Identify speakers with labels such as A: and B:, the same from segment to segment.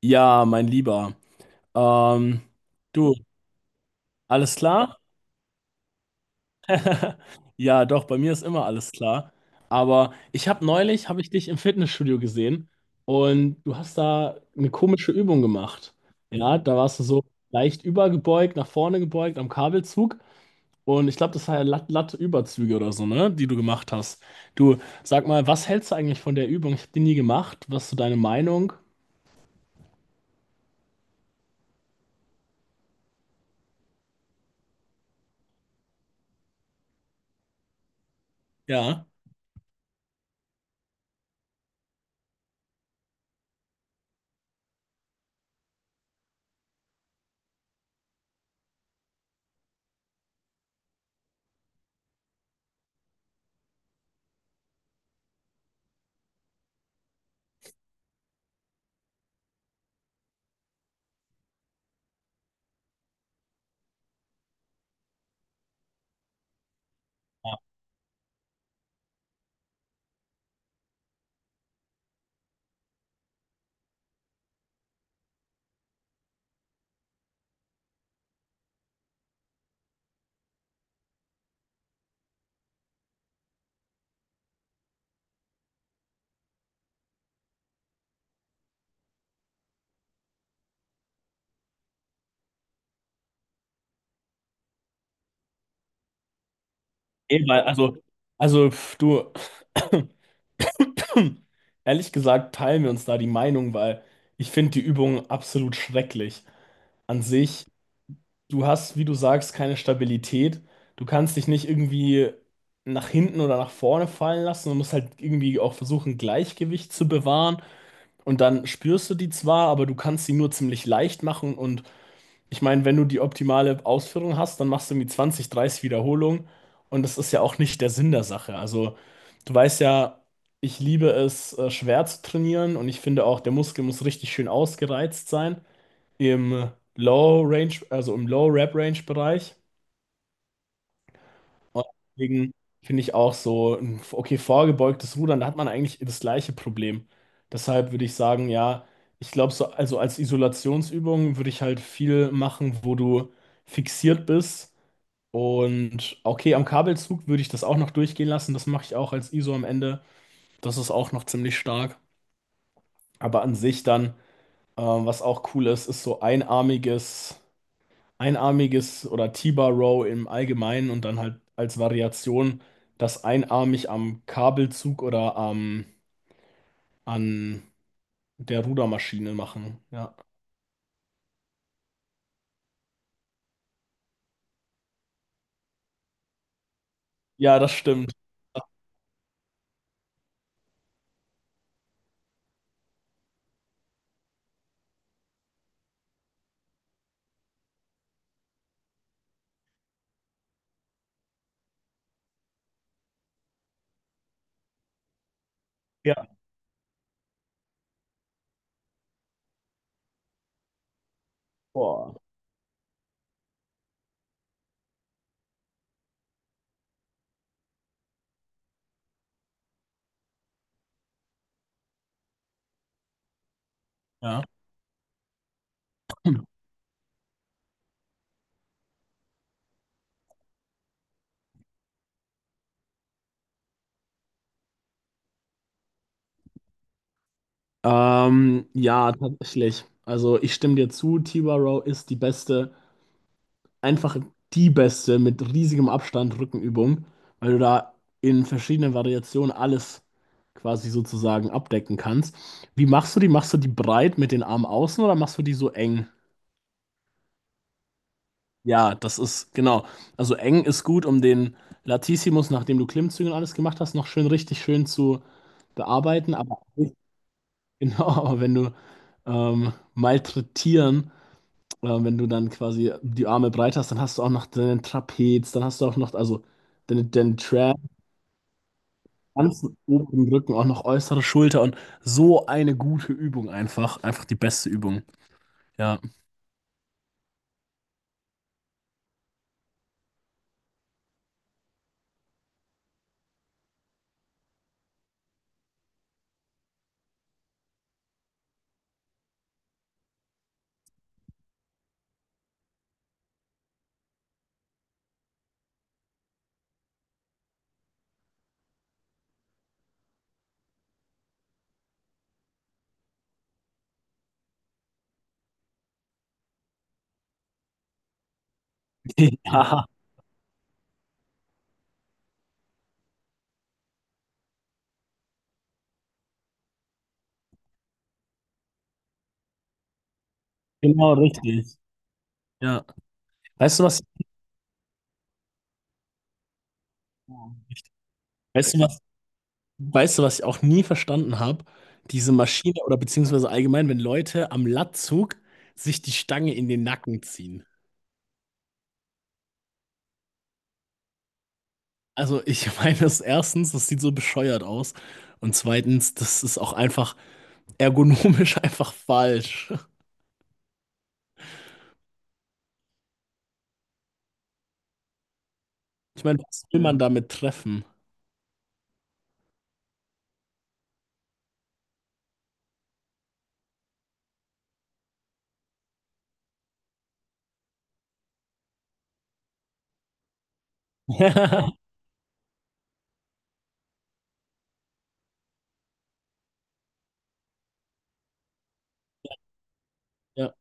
A: Ja, mein Lieber. Ähm, du, alles klar? Ja, doch, bei mir ist immer alles klar. Aber habe ich dich im Fitnessstudio gesehen und du hast da eine komische Übung gemacht. Ja, da warst du so leicht übergebeugt, nach vorne gebeugt am Kabelzug. Und ich glaube, das war ja Latte-Überzüge oder so, ne, die du gemacht hast. Du, sag mal, was hältst du eigentlich von der Übung? Ich habe die nie gemacht. Was ist so deine Meinung? Ja. Ja, eh, weil, also, pf, du. Hm. Ehrlich gesagt teilen wir uns da die Meinung, weil ich finde die Übung absolut schrecklich. An sich, du hast, wie du sagst, keine Stabilität. Du kannst dich nicht irgendwie nach hinten oder nach vorne fallen lassen. Du musst halt irgendwie auch versuchen, Gleichgewicht zu bewahren. Und dann spürst du die zwar, aber du kannst sie nur ziemlich leicht machen und ich meine, wenn du die optimale Ausführung hast, dann machst du irgendwie 20, 30 Wiederholungen. Und das ist ja auch nicht der Sinn der Sache. Also, du weißt ja, ich liebe es, schwer zu trainieren. Und ich finde auch, der Muskel muss richtig schön ausgereizt sein. Im Low Range, also im Low Rep Range Bereich. Und deswegen finde ich auch so, okay, vorgebeugtes Rudern, da hat man eigentlich das gleiche Problem. Deshalb würde ich sagen, ja, ich glaube, so, also als Isolationsübung würde ich halt viel machen, wo du fixiert bist. Und okay, am Kabelzug würde ich das auch noch durchgehen lassen. Das mache ich auch als ISO am Ende. Das ist auch noch ziemlich stark. Aber an sich dann, was auch cool ist, ist so einarmiges oder T-Bar Row im Allgemeinen und dann halt als Variation das einarmig am Kabelzug oder an der Rudermaschine machen. Ja, ja, das stimmt. Ja. Boah. Ja. Ja, tatsächlich. Also ich stimme dir zu, T-Bar Row ist die beste einfach die beste mit riesigem Abstand Rückenübung, weil du da in verschiedenen Variationen alles quasi sozusagen abdecken kannst. Wie machst du die? Machst du die breit mit den Armen außen oder machst du die so eng? Ja, das ist genau. Also eng ist gut, um den Latissimus, nachdem du Klimmzüge und alles gemacht hast, noch schön richtig schön zu bearbeiten. Aber genau, aber wenn du malträtieren. Wenn du dann quasi die Arme breit hast, dann hast du auch noch deinen Trapez, dann hast du auch noch, also den deinen Tram, ganzen oberen Rücken, auch noch äußere Schulter und so eine gute Übung einfach. Einfach die beste Übung. Ja. Ja, genau, richtig. Ja. Weißt du was? Weißt du was? Weißt du, was ich auch nie verstanden habe? Diese Maschine oder beziehungsweise allgemein, wenn Leute am Latzug sich die Stange in den Nacken ziehen. Also ich meine, das erstens, das sieht so bescheuert aus. Und zweitens, das ist auch einfach ergonomisch einfach falsch. Ich meine, was will man damit treffen? Ja,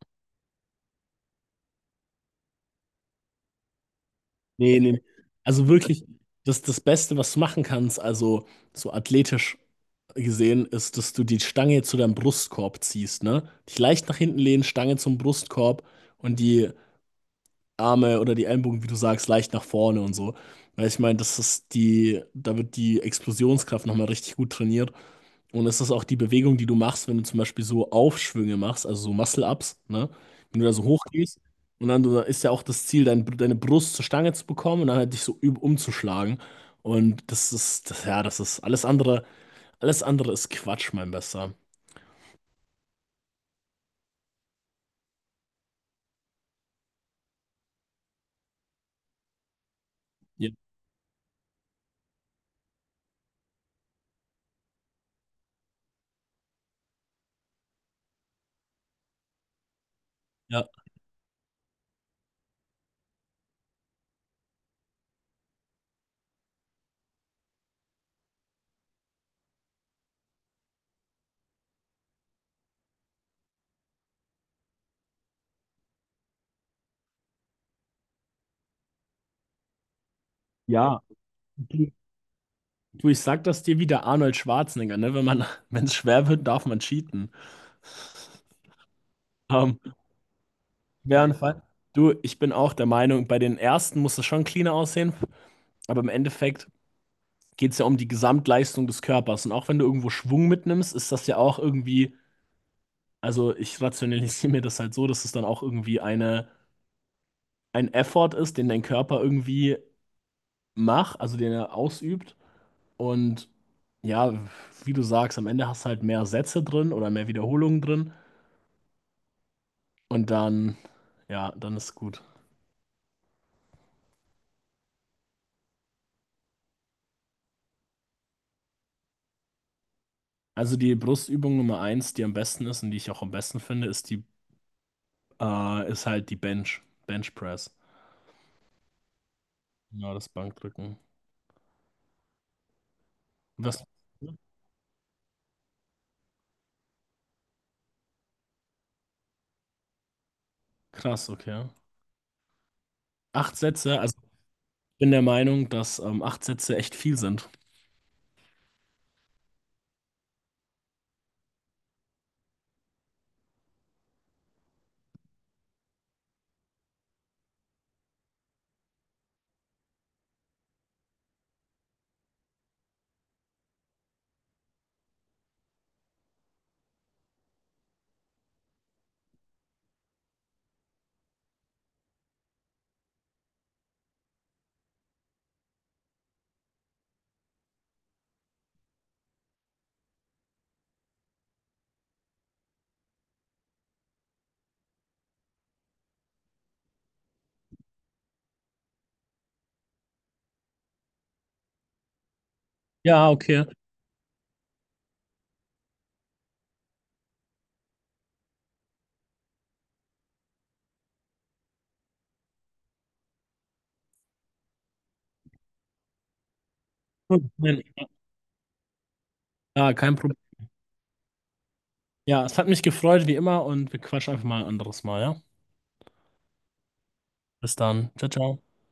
A: nee, nee. Also wirklich, das Beste, was du machen kannst, also so athletisch gesehen, ist, dass du die Stange zu deinem Brustkorb ziehst, ne? Dich leicht nach hinten lehnen, Stange zum Brustkorb und die Arme oder die Ellenbogen, wie du sagst, leicht nach vorne und so. Weil ich meine, das ist die, da wird die Explosionskraft nochmal richtig gut trainiert. Und es ist auch die Bewegung, die du machst, wenn du zum Beispiel so Aufschwünge machst, also so Muscle-Ups, ne? Wenn du da so hochgehst und dann du, ist ja auch das Ziel, deine Brust zur Stange zu bekommen und dann halt dich so umzuschlagen. Und das ist alles andere ist Quatsch, mein Bester. Ja. Ja. Ja. Du, du, ich sag das dir wie der Arnold Schwarzenegger, ne? Wenn man, wenn es schwer wird, darf man cheaten. Ähm, wäre ein Fall. Du, ich bin auch der Meinung, bei den ersten muss es schon cleaner aussehen, aber im Endeffekt geht es ja um die Gesamtleistung des Körpers. Und auch wenn du irgendwo Schwung mitnimmst, ist das ja auch irgendwie, also ich rationalisiere mir das halt so, dass es dann auch irgendwie eine, ein Effort ist, den dein Körper irgendwie macht, also den er ausübt. Und ja, wie du sagst, am Ende hast du halt mehr Sätze drin oder mehr Wiederholungen drin. Und dann, ja, dann ist gut. Also die Brustübung Nummer eins, die am besten ist und die ich auch am besten finde, ist halt die Bench Press. Genau, das Bankdrücken. Was? Krass, okay. Acht Sätze, also ich bin der Meinung, dass acht Sätze echt viel sind. Ja, okay. Gut, nein, Ja, kein Problem. Ja, es hat mich gefreut, wie immer, und wir quatschen einfach mal ein anderes Mal, ja? Bis dann. Ciao, ciao.